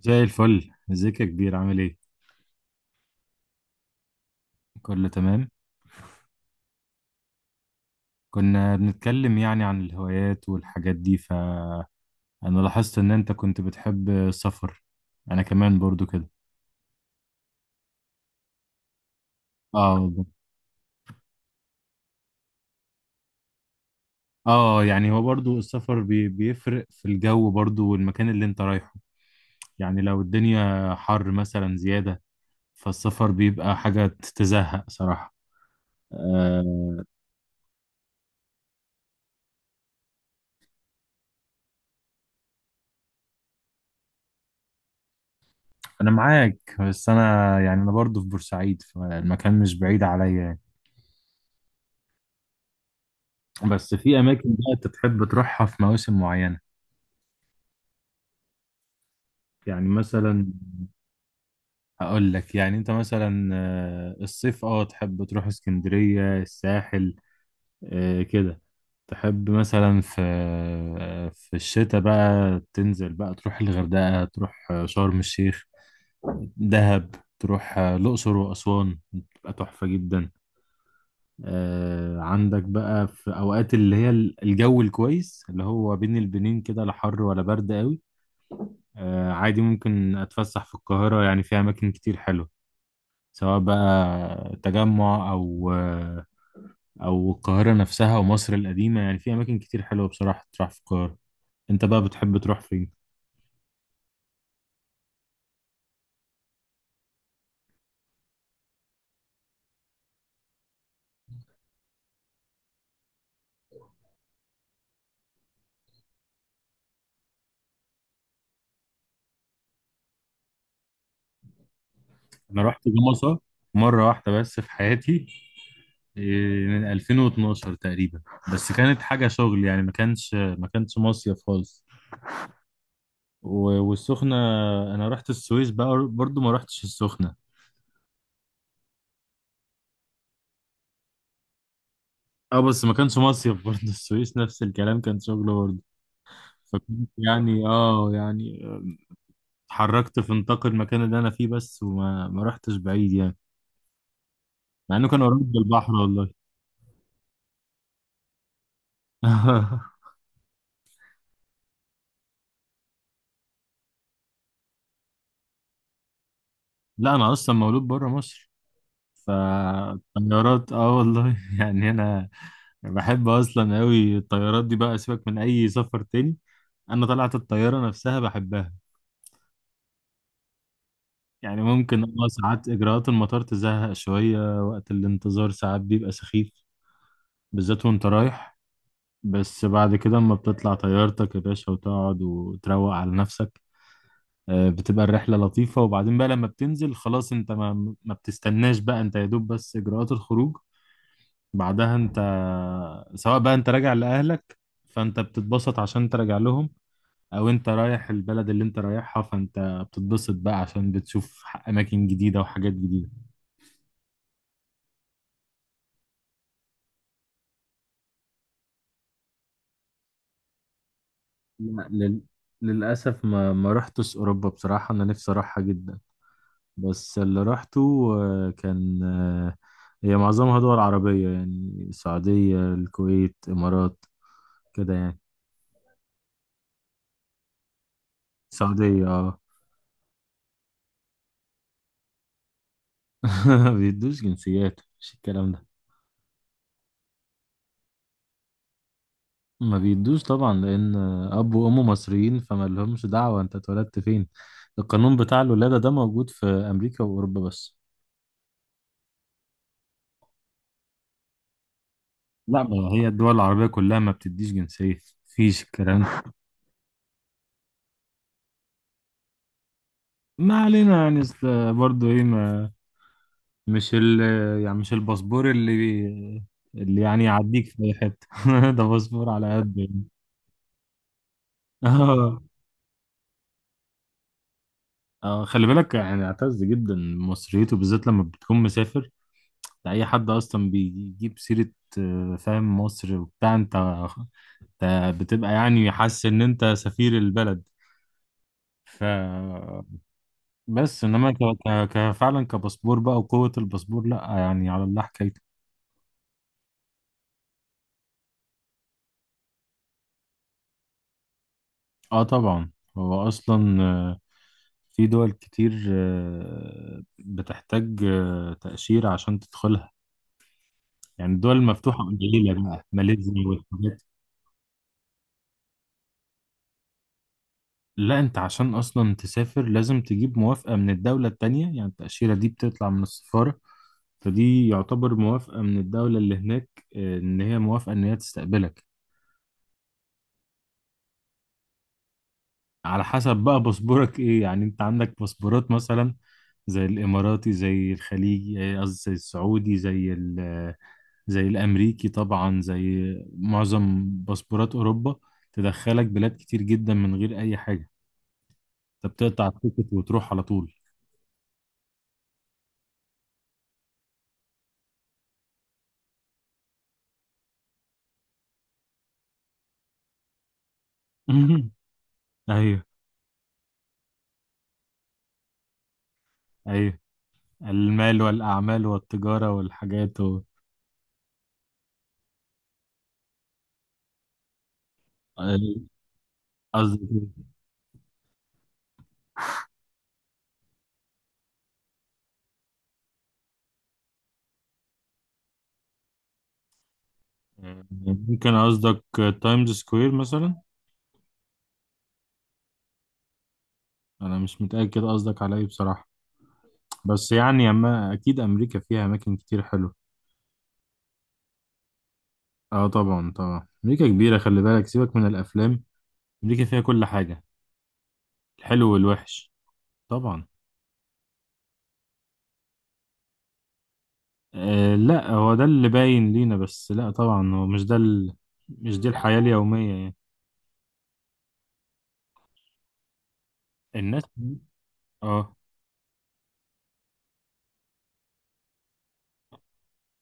زي الفل، ازيك يا كبير؟ عامل ايه؟ كله تمام. كنا بنتكلم يعني عن الهوايات والحاجات دي، فانا لاحظت ان انت كنت بتحب السفر. انا كمان برضو كده. اه والله. اه، يعني هو برضو السفر بيفرق في الجو برضو، والمكان اللي انت رايحه. يعني لو الدنيا حر مثلا زيادة، فالسفر بيبقى حاجة تزهق صراحة. آه انا معاك، بس انا برضو في بورسعيد، فالمكان مش بعيد عليا. بس في اماكن بقى انت تحب تروحها في مواسم معينه. يعني مثلا، هقول لك، يعني انت مثلا الصيف تحب تروح اسكندريه، الساحل كده. تحب مثلا في الشتاء بقى تنزل بقى تروح الغردقه، تروح شرم الشيخ، دهب، تروح الاقصر واسوان، بتبقى تحفه جدا. عندك بقى في اوقات اللي هي الجو الكويس، اللي هو بين البنين كده، لا حر ولا برد قوي. عادي ممكن أتفسح في القاهرة، يعني فيها أماكن كتير حلوة، سواء بقى تجمع أو القاهرة نفسها، ومصر القديمة. يعني في أماكن كتير حلوة بصراحة تروح في القاهرة. أنت بقى بتحب تروح فين؟ أنا رحت جمصة مرة واحدة بس في حياتي. من 2012 تقريبا. بس كانت حاجة شغل، يعني ما كانش مصيف خالص. والسخنة، أنا رحت السويس بقى برضو، ما رحتش السخنة. اه، بس ما كانش مصيف برضه السويس نفس الكلام، كان شغل برضه. فكنت يعني اتحركت في نطاق المكان اللي انا فيه بس، وما ما رحتش بعيد يعني، مع انه كان قريب من البحر، والله لا، انا اصلا مولود بره مصر. فالطيارات، اه والله يعني انا بحب اصلا قوي الطيارات دي، بقى سيبك من اي سفر تاني. انا طلعت الطياره نفسها بحبها. يعني ممكن ساعات اجراءات المطار تزهق شويه، وقت الانتظار ساعات بيبقى سخيف، بالذات وانت رايح. بس بعد كده، اما بتطلع طيارتك يا باشا وتقعد وتروق على نفسك، بتبقى الرحلة لطيفة. وبعدين بقى لما بتنزل خلاص، انت ما بتستناش بقى، انت يا دوب بس اجراءات الخروج، بعدها انت، سواء بقى انت راجع لأهلك فانت بتتبسط عشان تراجع لهم، او انت رايح البلد اللي انت رايحها، فانت بتتبسط بقى عشان بتشوف اماكن جديدة وحاجات جديدة. لا، للأسف ما رحتش أوروبا بصراحة، أنا نفسي أروحها جدا. بس اللي رحته كان، هي معظمها دول عربية، يعني السعودية، الكويت، إمارات، كده يعني. السعودية، اه ما بيدوش جنسيات، مش الكلام ده. ما بيدوش طبعا، لأن أب وأم مصريين، فما لهمش دعوة أنت اتولدت فين. القانون بتاع الولادة ده موجود في أمريكا وأوروبا بس. لا، ما هي الدول العربية كلها ما بتديش جنسية، مفيش الكلام ده. ما علينا، يعني أصل برضه إيه، ما مش ال يعني مش الباسبور اللي اللي يعني يعديك في اي حته ده باسبور على قد يعني. اه، اه، خلي بالك يعني، اعتز جدا مصريته بالذات لما بتكون مسافر. ده اي حد اصلا بيجيب سيره، فاهم مصر وبتاع، انت بتبقى يعني حاسس ان انت سفير البلد. ف بس انما فعلا كباسبور بقى، وقوه الباسبور، لا يعني على الله حكايته. اه، طبعا. هو اصلا في دول كتير بتحتاج تأشيرة عشان تدخلها. يعني الدول المفتوحة قليلة، بقى ماليزيا والحاجات. لا، انت عشان اصلا تسافر لازم تجيب موافقة من الدولة التانية. يعني التأشيرة دي بتطلع من السفارة، فدي يعتبر موافقة من الدولة اللي هناك، ان هي موافقة، ان هي تستقبلك. على حسب بقى باسبورك ايه. يعني انت عندك باسبورات مثلا، زي الاماراتي، زي الخليجي، قصدي زي السعودي، زي ال آه، زي الامريكي طبعا، زي معظم باسبورات اوروبا، تدخلك بلاد كتير جدا من غير اي حاجه، انت بتقطع التيكت وتروح على طول. ايوه، ايوه. المال والاعمال والتجاره والحاجات. قصدي ممكن قصدك تايمز سكوير مثلا. انا مش متاكد قصدك على ايه بصراحه، بس يعني أما أكيد أمريكا فيها أماكن كتير حلوة. أه، طبعا طبعا. أمريكا كبيرة، خلي بالك، سيبك من الأفلام. أمريكا فيها كل حاجة، الحلو والوحش. طبعا. أه، لا، هو ده اللي باين لينا بس، لا طبعا هو مش ده مش دي الحياة اليومية يعني. الناس، أه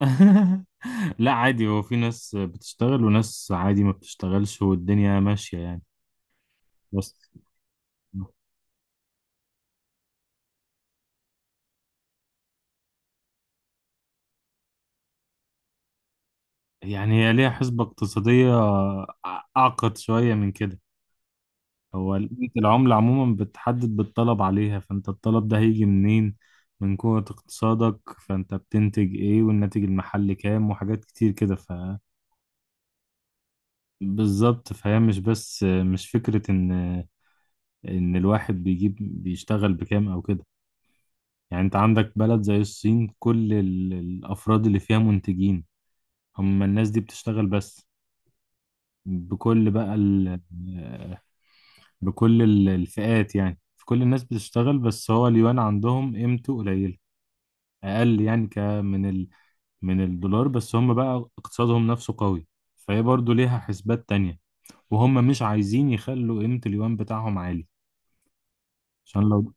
لا، عادي، هو في ناس بتشتغل وناس عادي ما بتشتغلش، والدنيا ماشية يعني. بس يعني هي ليها حسبة اقتصادية أعقد شوية من كده. هو قيمة العملة عموما بتحدد بالطلب عليها، فأنت الطلب ده هيجي منين؟ من قوة اقتصادك، فأنت بتنتج إيه، والناتج المحلي كام، وحاجات كتير كده. بالظبط. فهي مش بس، مش فكرة إن الواحد بيشتغل بكام أو كده. يعني أنت عندك بلد زي الصين، كل الأفراد اللي فيها منتجين، هم الناس دي بتشتغل، بس بكل بقى ال... بكل ال- الفئات. يعني في كل الناس بتشتغل، بس هو اليوان عندهم قيمته قليلة، اقل يعني من الدولار، بس هم بقى اقتصادهم نفسه قوي. فهي برضو ليها حسبات تانية، وهم مش عايزين يخلوا قيمة اليوان بتاعهم عالي، عشان لو،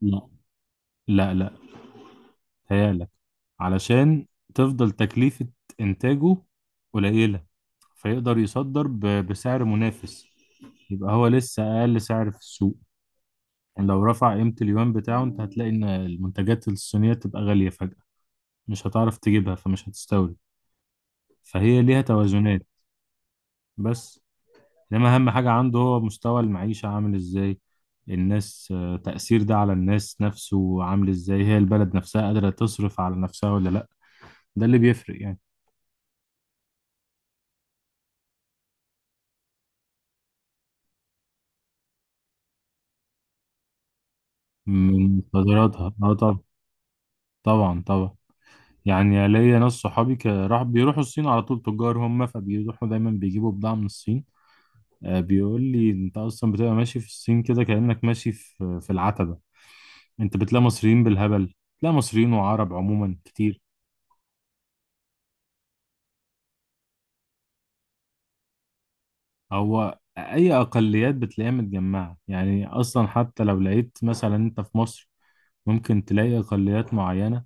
لا، لا، لا، تهيألك، علشان تفضل تكلفة إنتاجه قليلة، فيقدر يصدر بسعر منافس، يبقى هو لسه أقل سعر في السوق. يعني لو رفع قيمة اليوان بتاعه، أنت هتلاقي إن المنتجات الصينية تبقى غالية فجأة، مش هتعرف تجيبها، فمش هتستورد. فهي ليها توازنات. بس انما اهم حاجة عنده، هو مستوى المعيشة عامل ازاي، الناس آه، تأثير ده على الناس نفسه عامل ازاي، هي البلد نفسها قادرة تصرف على نفسها ولا لا، ده اللي بيفرق يعني. من قدراتها، اه طبعا، طبعا طبعا. يعني ليا ناس صحابي راح بيروحوا الصين على طول، تجار هم، فبيروحوا دايما بيجيبوا بضاعة من الصين. بيقول لي انت اصلا بتبقى ماشي في الصين كده، كأنك ماشي في العتبة. انت بتلاقي مصريين بالهبل، بتلاقي مصريين وعرب عموما كتير. هو اي اقليات بتلاقيها متجمعه يعني، اصلا حتى لو لقيت مثلا انت في مصر ممكن تلاقي اقليات معينه،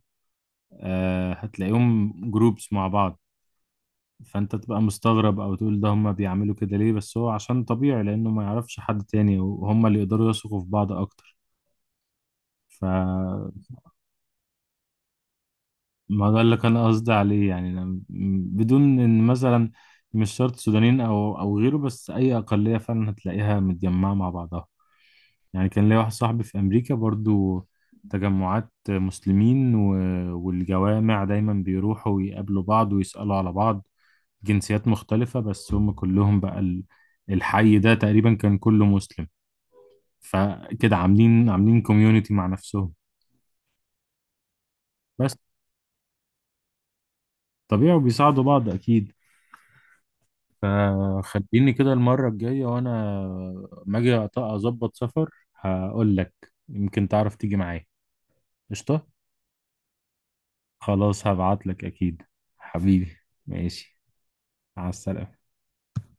هتلاقيهم جروبس مع بعض، فانت تبقى مستغرب او تقول ده هما بيعملوا كده ليه، بس هو عشان طبيعي لانه ما يعرفش حد تاني، وهما اللي يقدروا يثقوا في بعض اكتر. فما ده اللي كان قصدي عليه يعني. أنا بدون ان مثلا، مش شرط سودانيين او غيره، بس اي اقليه فعلا هتلاقيها متجمعه مع بعضها. يعني كان ليا واحد صاحبي في أمريكا برضو، تجمعات مسلمين والجوامع، دايما بيروحوا ويقابلوا بعض ويسألوا على بعض، جنسيات مختلفة. بس هم كلهم بقى، الحي ده تقريبا كان كله مسلم، فكده عاملين كوميونيتي مع نفسهم. بس، طبيعي، وبيساعدوا بعض أكيد. فخليني كده المرة الجاية، وأنا ما أجي أظبط سفر، هقول لك، يمكن تعرف تيجي معايا. قشطة. خلاص، هبعتلك أكيد. حبيبي، ماشي. على السلامة.